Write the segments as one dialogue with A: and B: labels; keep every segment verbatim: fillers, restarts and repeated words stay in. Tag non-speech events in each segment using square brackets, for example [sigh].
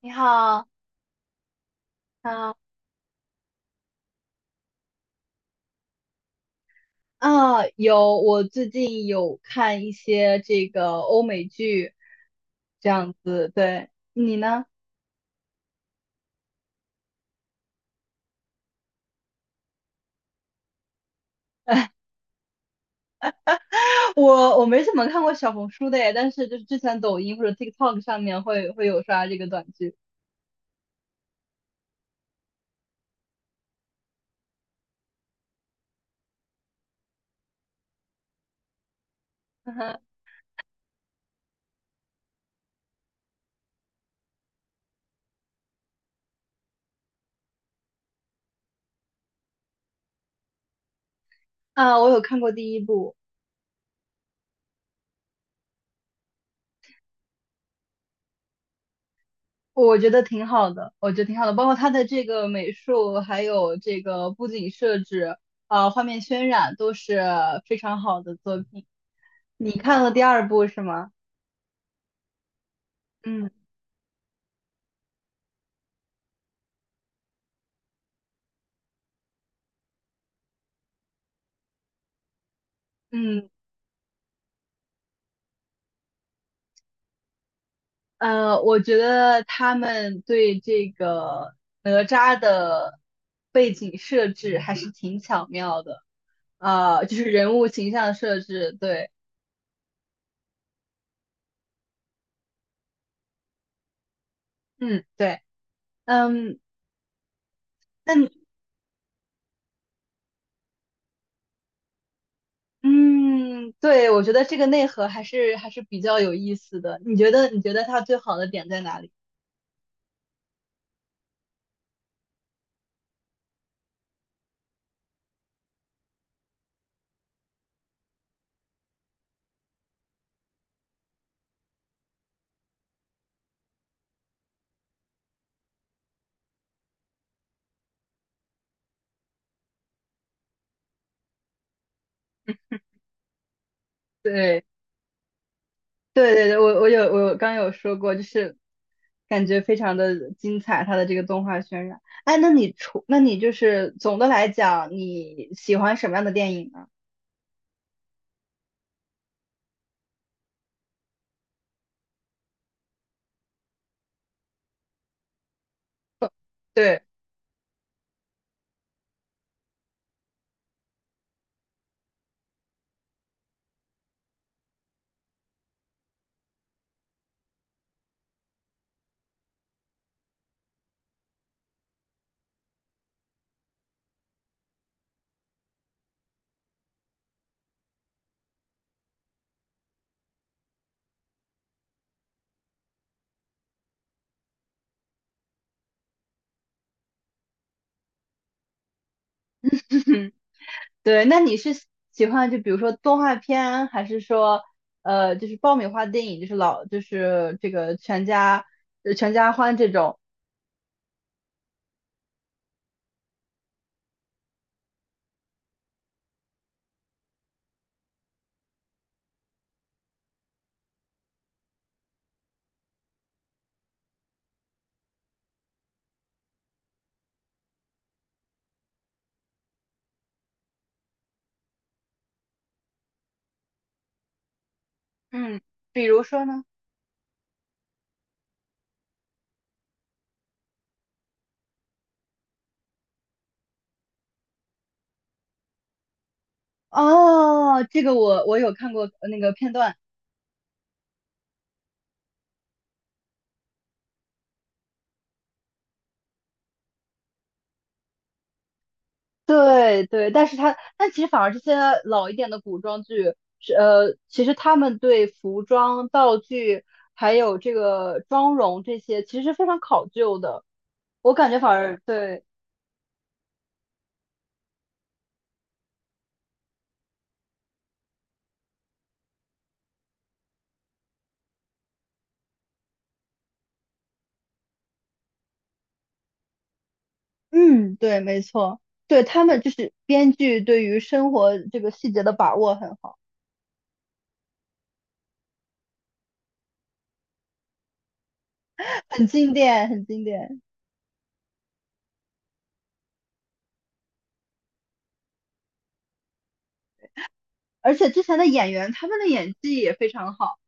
A: 你好，啊啊，有，我最近有看一些这个欧美剧，这样子，对，你呢？[laughs] 我我没怎么看过小红书的耶，但是就是之前抖音或者 TikTok 上面会会有刷这个短剧，[laughs] 嗯哼。啊，我有看过第一部，我觉得挺好的，我觉得挺好的，包括它的这个美术，还有这个布景设置，啊，画面渲染都是非常好的作品。你看了第二部是吗？嗯嗯。呃，我觉得他们对这个哪吒的背景设置还是挺巧妙的，呃，就是人物形象设置，对，嗯，对，嗯，那你，嗯，对，我觉得这个内核还是还是比较有意思的。你觉得，你觉得它最好的点在哪里？对。对对对，我我有我有刚有说过，就是感觉非常的精彩，它的这个动画渲染。哎，那你除那你就是总的来讲，你喜欢什么样的电影呢？对，对，那你是喜喜欢就比如说动画片，还是说呃就是爆米花电影，就是老就是这个全家呃全家欢这种？嗯，比如说呢？哦，这个我我有看过呃那个片段。对对，但是它，但其实反而这些老一点的古装剧，是呃，其实他们对服装、道具还有这个妆容这些，其实是非常考究的。我感觉反而对，嗯，对，没错，对他们就是编剧对于生活这个细节的把握很好，很经典，很经典。而且之前的演员他们的演技也非常好。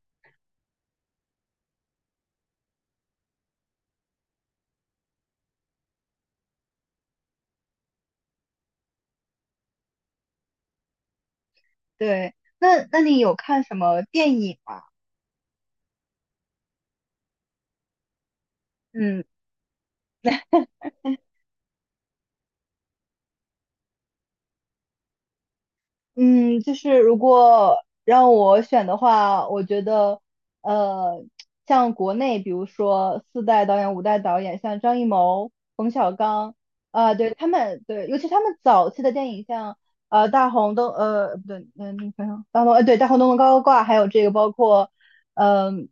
A: 对，那那你有看什么电影吗？嗯嗯，就是如果让我选的话，我觉得，呃，像国内，比如说四代导演、五代导演，像张艺谋、冯小刚，啊、对他们，对，尤其他们早期的电影，像呃《大红灯》，呃，不对，嗯、那个叫什么大红，呃，对，《大红灯笼高高挂》，还有这个包括，嗯、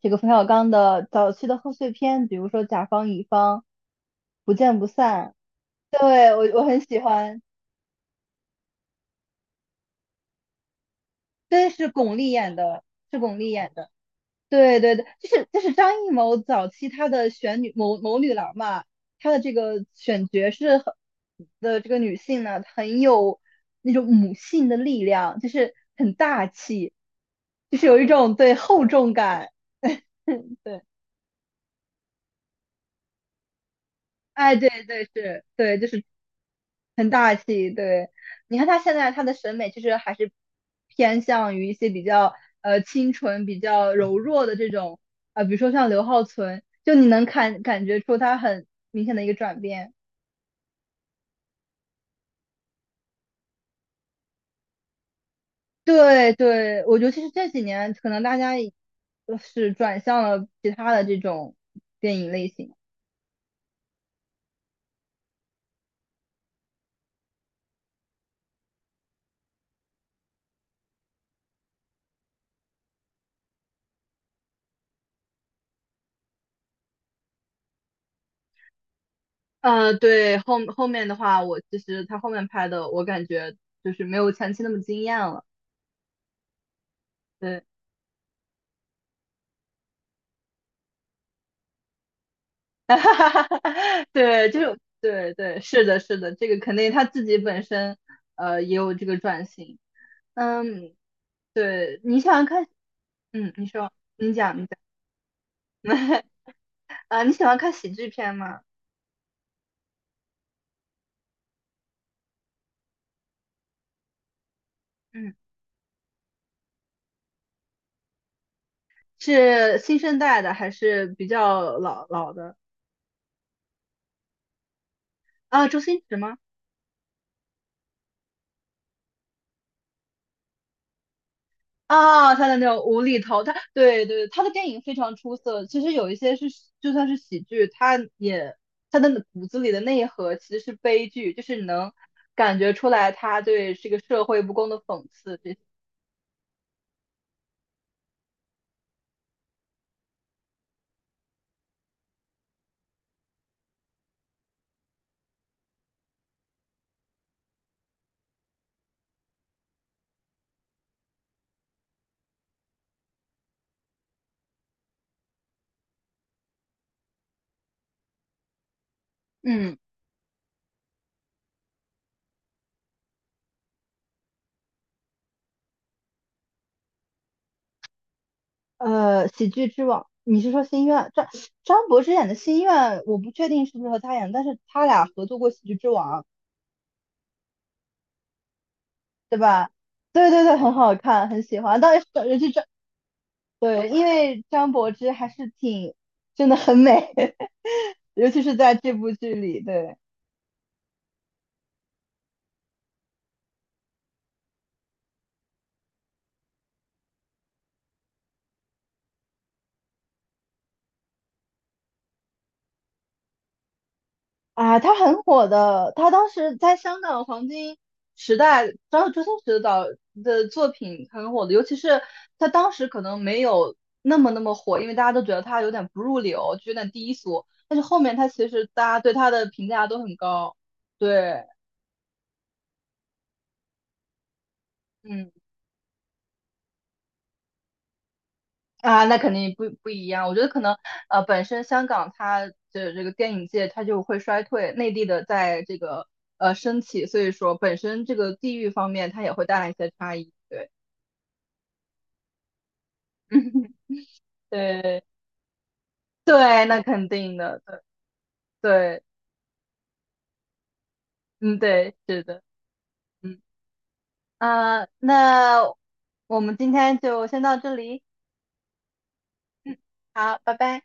A: 这个冯小刚的早期的贺岁片，比如说《甲方乙方》，《不见不散》，对，我我很喜欢。对，是巩俐演的，是巩俐演的。对对对，就是就是张艺谋早期他的选女谋谋女郎嘛，他的这个选角是很的这个女性呢，很有那种母性的力量，就是很大气，就是有一种对厚重感。对对对，是，对，就是很大气，对。你看他现在他的审美其实还是偏向于一些比较呃清纯、比较柔弱的这种，呃，比如说像刘浩存，就你能看感觉出他很明显的一个转变。对对，我觉得其实这几年可能大家已就是转向了其他的这种电影类型。呃，对，后后面的话，我其实他后面拍的，我感觉就是没有前期那么惊艳了。对。[laughs] 哈哈哈哈 [laughs] 对，就是对对，是的，是的，这个肯定他自己本身呃也有这个转型，嗯，对，你喜欢看，嗯，你说，你讲，你讲，[laughs] 啊，你喜欢看喜剧片吗？嗯，是新生代的还是比较老老的？啊，周星驰吗？啊，他的那种无厘头，他对对，他的电影非常出色。其实有一些是就算是喜剧，他也他的骨子里的内核其实是悲剧，就是你能感觉出来他对这个社会不公的讽刺。这嗯呃，喜剧之王，你是说《心愿》？张张柏芝演的《心愿》，我不确定是不是和他演，但是他俩合作过《喜剧之王》，对吧？对对对，很好看，很喜欢。但是这对，[laughs] 因为张柏芝还是挺真的很美，[laughs] 尤其是在这部剧里，对。啊，她很火的，她当时在香港黄金时代，张周星驰导的作品很火的，尤其是她当时可能没有那么那么火，因为大家都觉得她有点不入流，就有点低俗，但是后面她其实大家对她的评价都很高，对，嗯。啊，那肯定不不一样。我觉得可能，呃，本身香港它的这个电影界它就会衰退，内地的在这个呃升起，所以说本身这个地域方面它也会带来一些差异。对，[laughs] 嗯对，对，那肯定的，对，嗯，对，是的，嗯，啊，那我们今天就先到这里，嗯，好，拜拜。